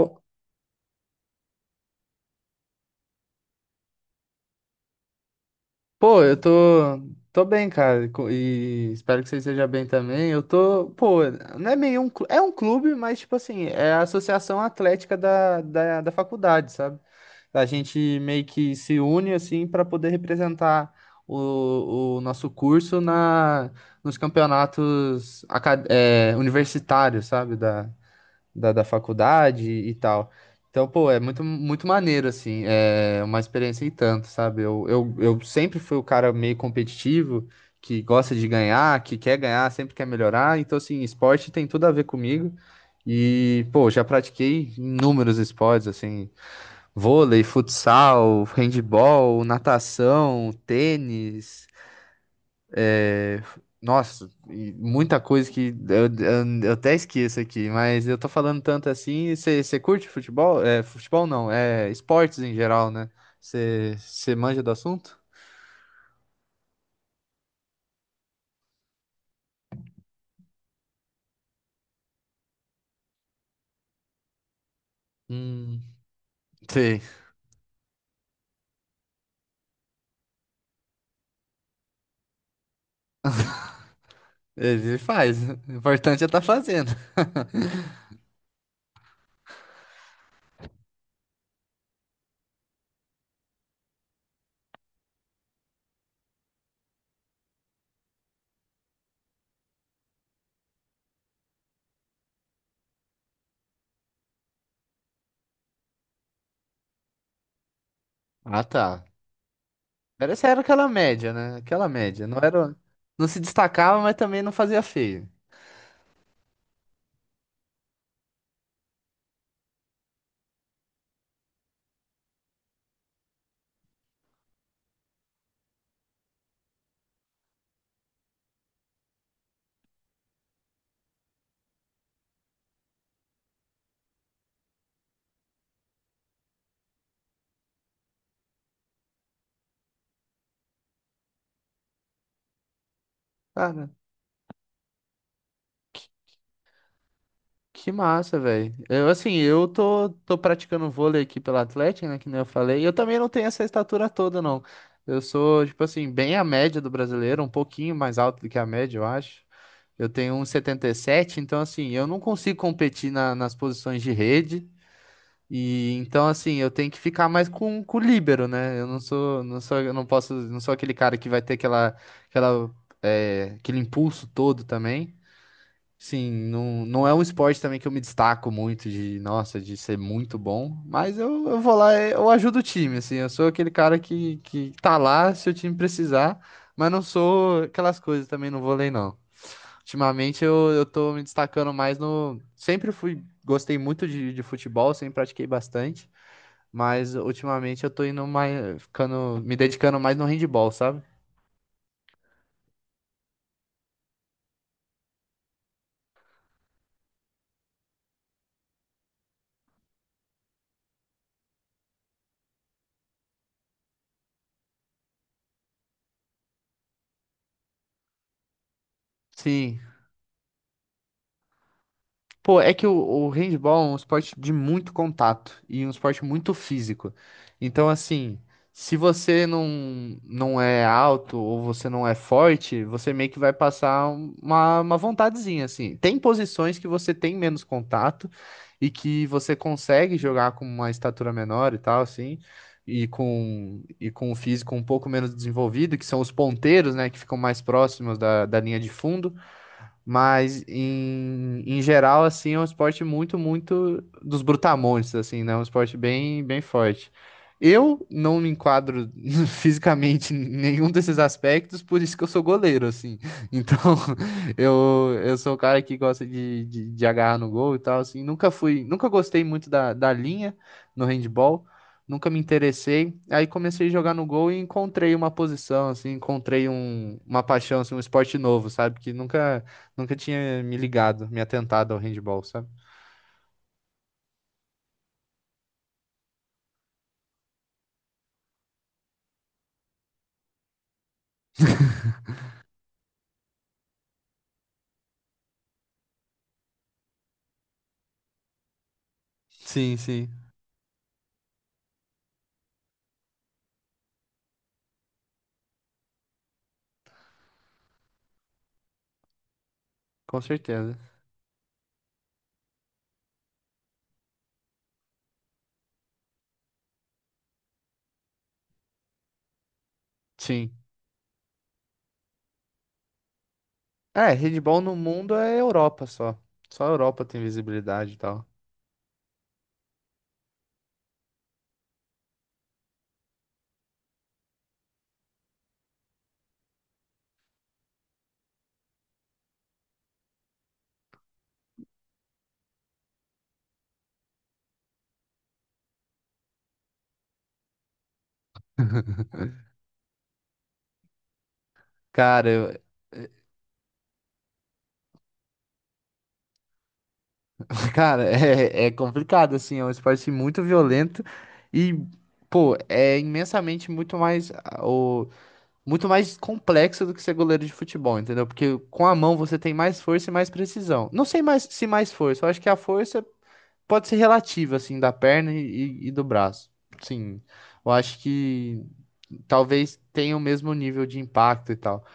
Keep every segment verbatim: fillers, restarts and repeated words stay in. Ô, pô, eu tô, tô bem, cara, co- e espero que você esteja bem também. Eu tô, pô, não é meio um, clu- é um clube, mas tipo assim, é a associação atlética da, da, da faculdade, sabe? A gente meio que se une assim para poder representar o, o nosso curso na, nos campeonatos acad- é, universitários, sabe? Da da, da faculdade e tal. Então, pô, é muito, muito maneiro, assim, é uma experiência e tanto, sabe? Eu, eu, eu sempre fui o cara meio competitivo, que gosta de ganhar, que quer ganhar, sempre quer melhorar. Então, assim, esporte tem tudo a ver comigo. E, pô, já pratiquei inúmeros esportes, assim, vôlei, futsal, handball, natação, tênis, nossa, e muita coisa que eu, eu- eu até esqueço aqui, mas eu tô falando tanto assim. Você curte futebol? É, futebol não, é esportes em geral, né? Você manja do assunto? Hum, sei. Ele faz. O importante é tá fazendo. Ah, tá. Era essa era aquela média, né? Aquela média. Não era, não se destacava, mas também não fazia feio. Cara. Que massa, velho. Eu, assim, eu tô, tô praticando vôlei aqui pela Atlética, né, que nem eu falei. E eu também não tenho essa estatura toda, não. Eu sou, tipo assim, bem a média do brasileiro, um pouquinho mais alto do que a média, eu acho. Eu tenho um setenta e sete. Então, assim, eu não consigo competir na- nas posições de rede. E então, assim, eu tenho que ficar mais com, com o líbero, né? Eu não sou, não sou, eu não posso, não sou aquele cara que vai ter aquela, aquela, é, aquele impulso todo também. Sim, não, não é um esporte também que eu me destaco muito de, nossa, de ser muito bom, mas eu, eu vou lá, eh, eu ajudo o time, assim, eu sou aquele cara que, que tá lá se o time precisar, mas não sou aquelas coisas também no vôlei, não. Ultimamente eu, eu tô me destacando mais no. Sempre fui, gostei muito de, de futebol, sempre pratiquei bastante, mas ultimamente eu tô indo mais, ficando, me dedicando mais no handball, sabe? Sim, pô, é que o, o handball é um esporte de muito contato e um esporte muito físico. Então, assim, se você não, não é alto ou você não é forte, você meio que vai passar uma, uma vontadezinha, assim. Tem posições que você tem menos contato e que você consegue jogar com uma estatura menor e tal, assim, e com, e com o físico um pouco menos desenvolvido, que são os ponteiros, né, que ficam mais próximos da, da linha de fundo. Mas em, em geral, assim, é um esporte muito, muito dos brutamontes, assim, né? Um esporte bem, bem forte. Eu não me enquadro fisicamente em nenhum desses aspectos, por isso que eu sou goleiro, assim. Então, eu, eu sou o cara que gosta de, de, de agarrar no gol e tal, assim. Nunca fui, nunca gostei muito da, da linha no handball, nunca me interessei. Aí comecei a jogar no gol e encontrei uma posição, assim, encontrei um, uma paixão, assim, um esporte novo, sabe? Que nunca Nunca tinha me ligado, me atentado ao handball, sabe? Sim, sim. Com certeza. Sim. É, handball no mundo é Europa só. Só a Europa tem visibilidade e tal. Cara, eu- cara, é, é complicado, assim. É um esporte muito violento e, pô, é imensamente muito mais, ah, o, muito mais complexo do que ser goleiro de futebol, entendeu? Porque com a mão você tem mais força e mais precisão. Não sei mais se mais força, eu acho que a força pode ser relativa, assim, da perna e, e do braço. Sim, eu acho que talvez tenha o mesmo nível de impacto e tal.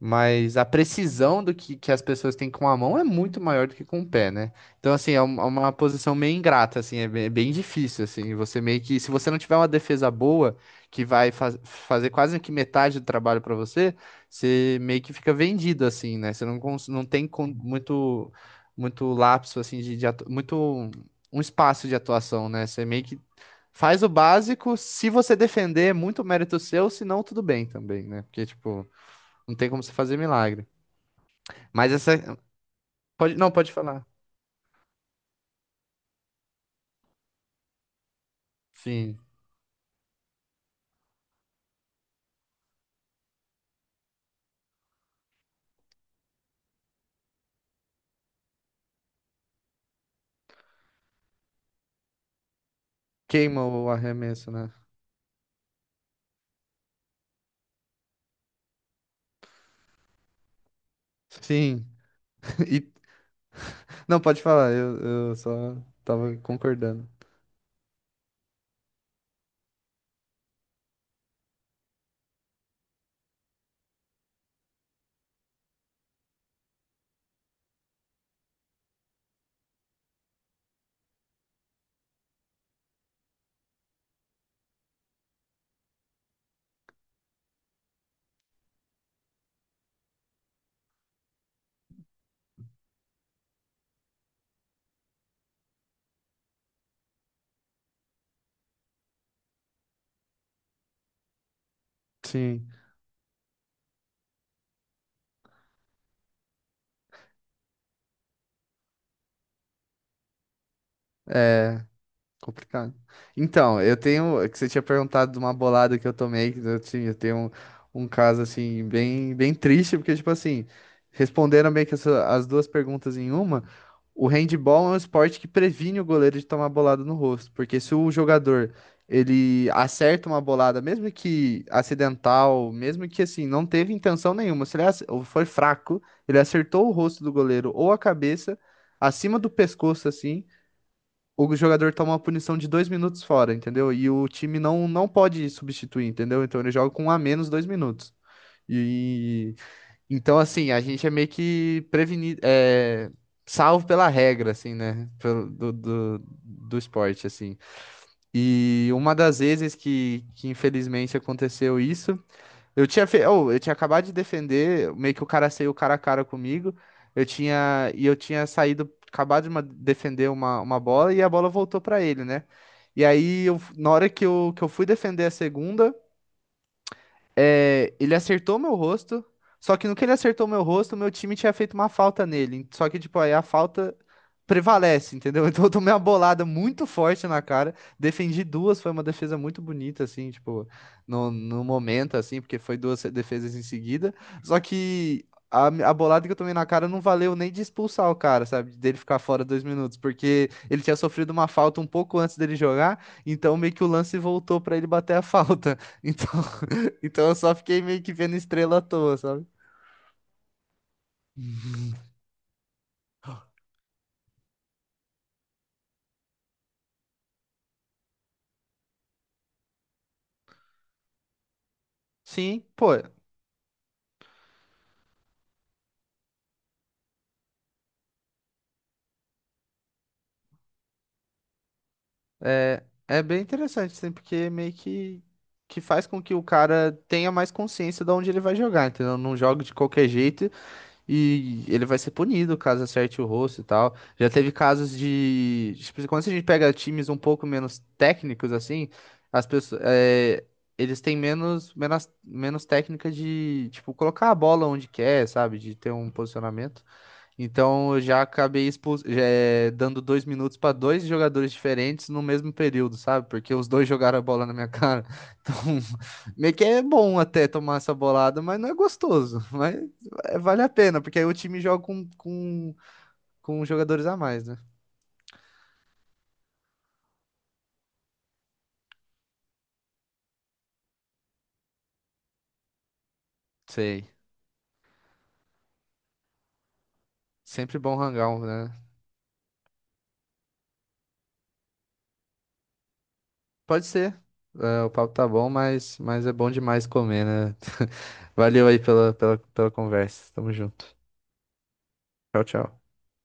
Mas a precisão do que, que as pessoas têm com a mão é muito maior do que com o pé, né? Então, assim, é um- é uma posição meio ingrata, assim, é bem, bem difícil, assim. Você meio que, se você não tiver uma defesa boa, que vai faz- fazer quase que metade do trabalho para você, você meio que fica vendido, assim, né? Você não, cons- não tem con- muito, muito lapso, assim, de, de atu- muito, um espaço de atuação, né? Você meio que faz o básico, se você defender, é muito mérito seu, se não, tudo bem também, né? Porque, tipo. Não tem como você fazer milagre. Mas essa. Pode... Não, pode falar. Sim. Queima o arremesso, né? Sim. E... Não, pode falar. Eu, eu só tava concordando. Sim. É. Complicado. Então, eu tenho. É que você tinha perguntado de uma bolada que eu tomei, que eu tinha, eu tenho um, um caso assim, bem, bem triste, porque, tipo assim, responderam meio que essa- as duas perguntas em uma. O handball é um esporte que previne o goleiro de tomar bolada no rosto, porque se o jogador ele acerta uma bolada, mesmo que acidental, mesmo que assim, não teve intenção nenhuma, se ele ace- ou foi fraco, ele acertou o rosto do goleiro ou a cabeça, acima do pescoço, assim o jogador toma uma punição de dois minutos fora, entendeu? E o time não, não pode substituir, entendeu? Então ele joga com um a menos dois minutos. E então, assim, a gente é meio que prevenido, é, salvo pela regra, assim, né? Pelo- do, do, do esporte, assim. E uma das vezes que, que infelizmente aconteceu isso. Eu tinha, fe... oh, eu tinha acabado de defender, meio que o cara saiu cara a cara comigo. Eu tinha e eu tinha saído, acabado de uma- defender uma, uma bola e a bola voltou pra ele, né? E aí eu, na hora que eu, que eu fui defender a segunda, é, ele acertou meu rosto, só que no que ele acertou meu rosto, meu time tinha feito uma falta nele. Só que, tipo, aí a falta prevalece, entendeu? Então eu tomei uma bolada muito forte na cara, defendi duas, foi uma defesa muito bonita, assim, tipo, no, no momento, assim, porque foi duas defesas em seguida. Só que a, a bolada que eu tomei na cara não valeu nem de expulsar o cara, sabe? Dele ficar fora dois minutos, porque ele tinha sofrido uma falta um pouco antes dele jogar, então meio que o lance voltou pra ele bater a falta. Então então eu só fiquei meio que vendo estrela à toa, sabe? Sim, pô, é, é bem interessante, assim, porque meio que, que faz com que o cara tenha mais consciência de onde ele vai jogar, entendeu? Não joga de qualquer jeito e ele vai ser punido caso acerte o rosto e tal. Já teve casos de, tipo, quando a gente pega times um pouco menos técnicos, assim, as pessoas, é, eles têm menos, menos, menos técnica de, tipo, colocar a bola onde quer, sabe? De ter um posicionamento. Então eu já acabei expu- já, eh, dando dois minutos para dois jogadores diferentes no mesmo período, sabe? Porque os dois jogaram a bola na minha cara. Então, meio que é bom até tomar essa bolada, mas não é gostoso. Mas eh, vale a pena, porque aí o time joga com, com, com jogadores a mais, né? Sei. Sempre bom hangar, né? Pode ser. É, o papo tá bom, mas, mas é bom demais comer, né? Valeu aí pela, pela, pela conversa. Tamo junto. Tchau, tchau.